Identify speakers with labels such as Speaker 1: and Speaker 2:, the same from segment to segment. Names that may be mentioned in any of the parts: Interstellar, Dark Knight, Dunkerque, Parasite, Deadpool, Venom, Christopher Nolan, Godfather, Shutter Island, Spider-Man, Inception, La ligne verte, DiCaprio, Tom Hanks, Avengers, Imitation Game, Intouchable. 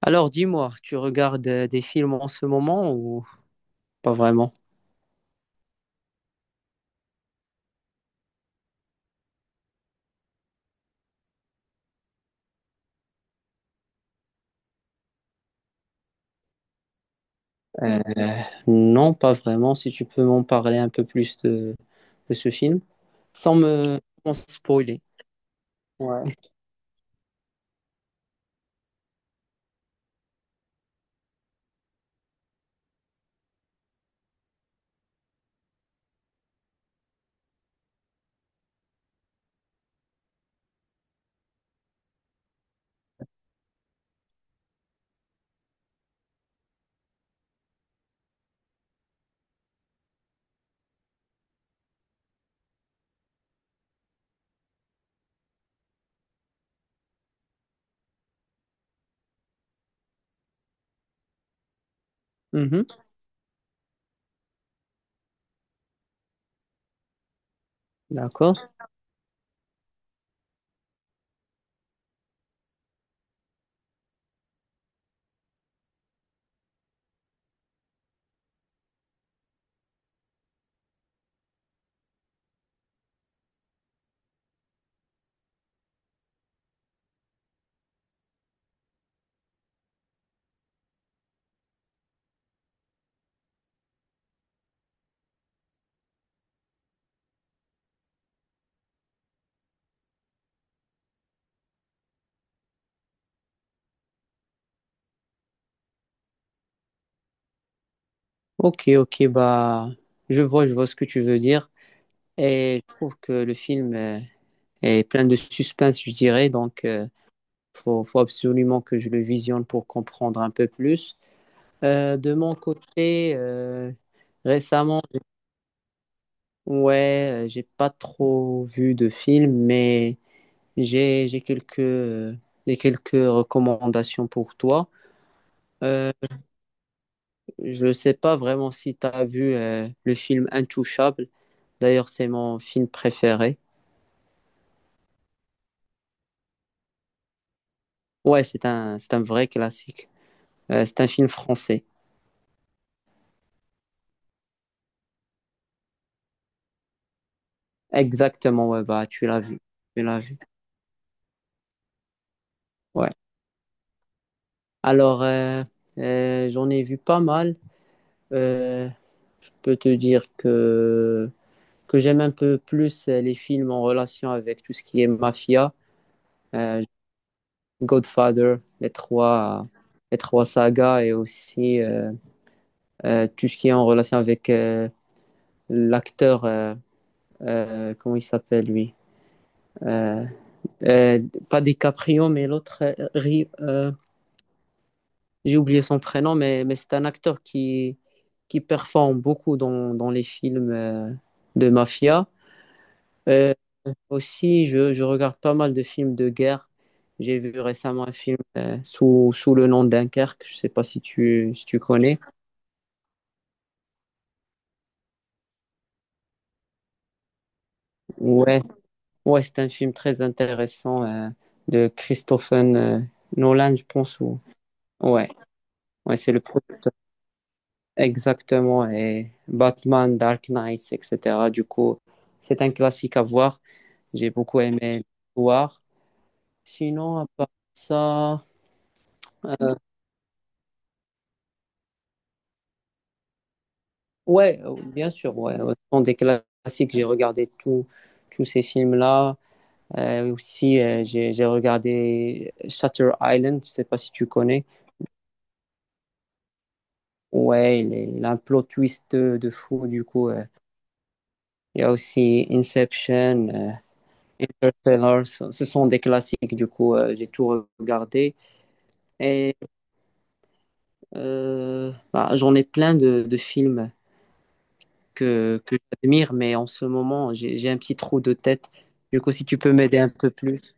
Speaker 1: Alors, dis-moi, tu regardes des films en ce moment ou pas vraiment? Euh, non, pas vraiment. Si tu peux m'en parler un peu plus de ce film, sans me sans spoiler. Ouais. Mhm, d'accord. Ok, ok, bah, je vois ce que tu veux dire. Et je trouve que le film est plein de suspense, je dirais. Donc, faut absolument que je le visionne pour comprendre un peu plus. De mon côté, récemment, Ouais, j'ai pas trop vu de films, mais j'ai quelques j'ai quelques recommandations pour toi. Euh, je sais pas vraiment si tu as vu le film Intouchable. D'ailleurs, c'est mon film préféré. Ouais, c'est un vrai classique. C'est un film français. Exactement, ouais, bah tu l'as vu. Tu l'as vu. Ouais. Alors, j'en ai vu pas mal. Euh, je peux te dire que j'aime un peu plus les films en relation avec tout ce qui est mafia, euh, Godfather, les trois sagas et aussi tout ce qui est en relation avec l'acteur, comment il s'appelle lui? Euh, euh, pas DiCaprio, mais l'autre, j'ai oublié son prénom, mais c'est un acteur qui performe beaucoup dans les films de mafia. Euh, aussi, je regarde pas mal de films de guerre. J'ai vu récemment un film sous le nom Dunkerque. Je sais pas si tu connais. Ouais, ouais, c'est un film très intéressant de Christopher Nolan, je pense. Ou- Ouais, ouais, c'est le producteur. Exactement. Et Batman, Dark Knight, etc. Du coup, c'est un classique à voir. J'ai beaucoup aimé l'histoire. Sinon, à part ça. Ouais, bien sûr, ouais. Autant des classiques, tous ces films-là. Aussi, j'ai regardé Shutter Island, je sais pas si tu connais. Ouais, il a un plot twist de fou, du coup. Il y a aussi Inception, Interstellar, ce sont des classiques, du coup, j'ai tout regardé. Et bah, j'en ai plein de films que j'admire, mais en ce moment, j'ai un petit trou de tête. Du coup, si tu peux m'aider un peu plus.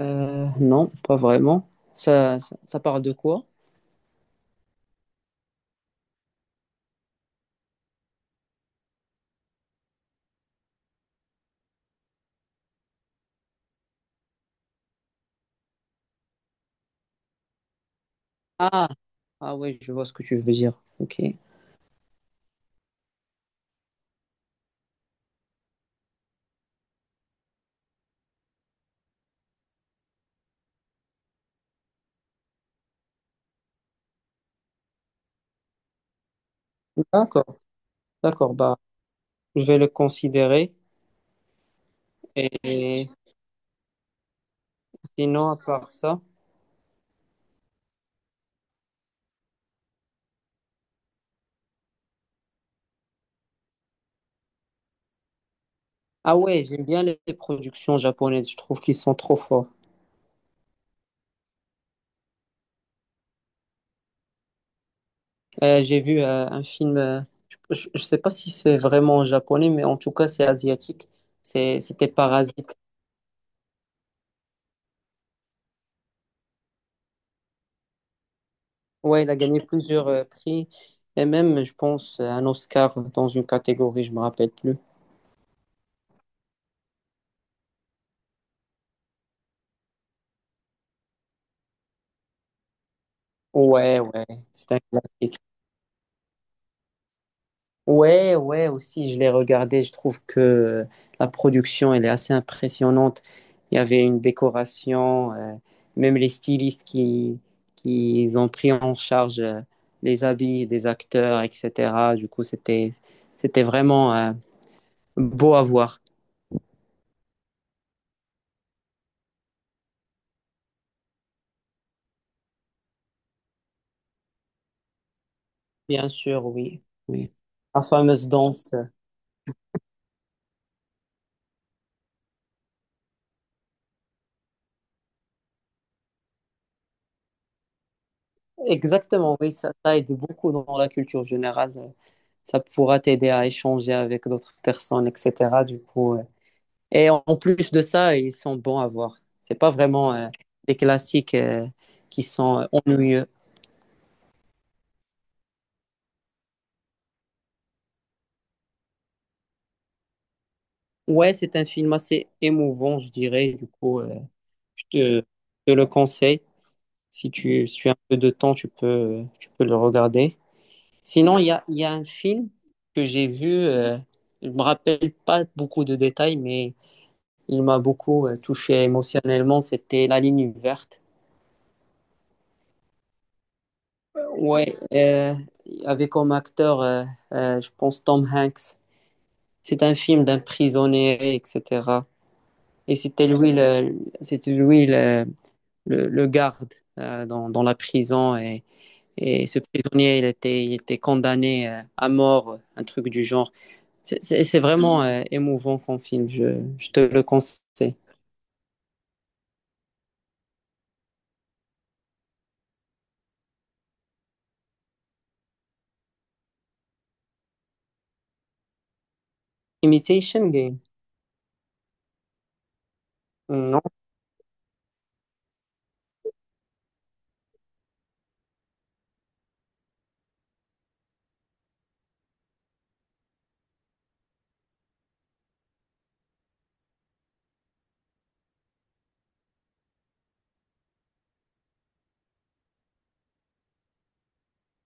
Speaker 1: Non, pas vraiment. Ça parle de quoi? Ah, ah oui, je vois ce que tu veux dire. Ok. D'accord, d'accord. Bah, je vais le considérer. Et sinon, à part ça. Ah ouais, j'aime bien les productions japonaises. Je trouve qu'ils sont trop forts. J'ai vu un film. Je ne sais pas si c'est vraiment japonais, mais en tout cas, c'est asiatique. C'était Parasite. Ouais, il a gagné plusieurs prix. Et même, je pense, un Oscar dans une catégorie, je me rappelle plus. Ouais, ouais, c'est un classique. Ouais, ouais, aussi, je l'ai regardé. Je trouve que la production, elle est assez impressionnante. Il y avait une décoration, même les stylistes qui ont pris en charge les habits des acteurs, etc. Du coup, c'était vraiment beau à voir. Bien sûr, oui, oui. La fameuse danse. Exactement, oui, ça aide beaucoup dans la culture générale. Ça pourra t'aider à échanger avec d'autres personnes, etc. Du coup, Et en en plus de ça, ils sont bons à voir. C'est pas vraiment des classiques qui sont ennuyeux. Ouais, c'est un film assez émouvant, je dirais. Du coup, je te, je te le conseille. Si tu as un peu de temps, tu peux le regarder. Sinon, il y a un film que j'ai vu. Je me rappelle pas beaucoup de détails, mais il m'a beaucoup touché émotionnellement, c'était La ligne verte. Ouais, avec comme acteur, je pense Tom Hanks. C'est un film d'un prisonnier, etc. C'était lui le garde dans la prison. Et ce prisonnier, il était condamné à mort, un truc du genre. C'est vraiment émouvant comme film, je te le conseille. Imitation Game. Non?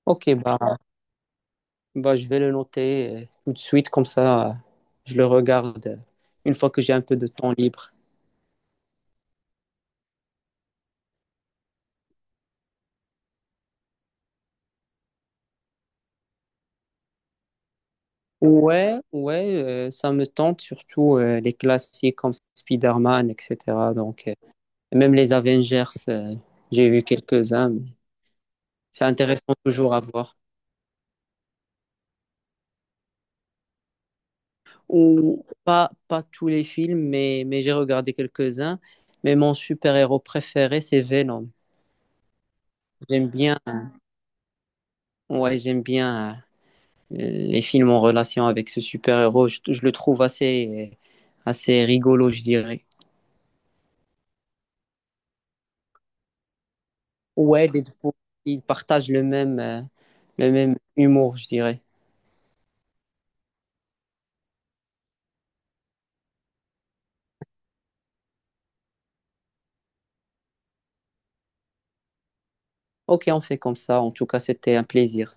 Speaker 1: Ok, bah, bah, je vais le noter tout de suite, comme ça, je le regarde une fois que j'ai un peu de temps libre. Ouais, ouais, ça me tente, surtout les classiques comme Spider-Man, etc. Donc, même les Avengers, j'ai vu quelques-uns, mais c'est intéressant toujours à voir. Ou pas, pas tous les films, mais j'ai regardé quelques-uns. Mais mon super-héros préféré, c'est Venom. J'aime bien, ouais, j'aime bien les films en relation avec ce super-héros, je le trouve assez rigolo, je dirais. Ouais, Deadpool, ils partagent le même humour, je dirais. Ok, on fait comme ça. En tout cas, c'était un plaisir.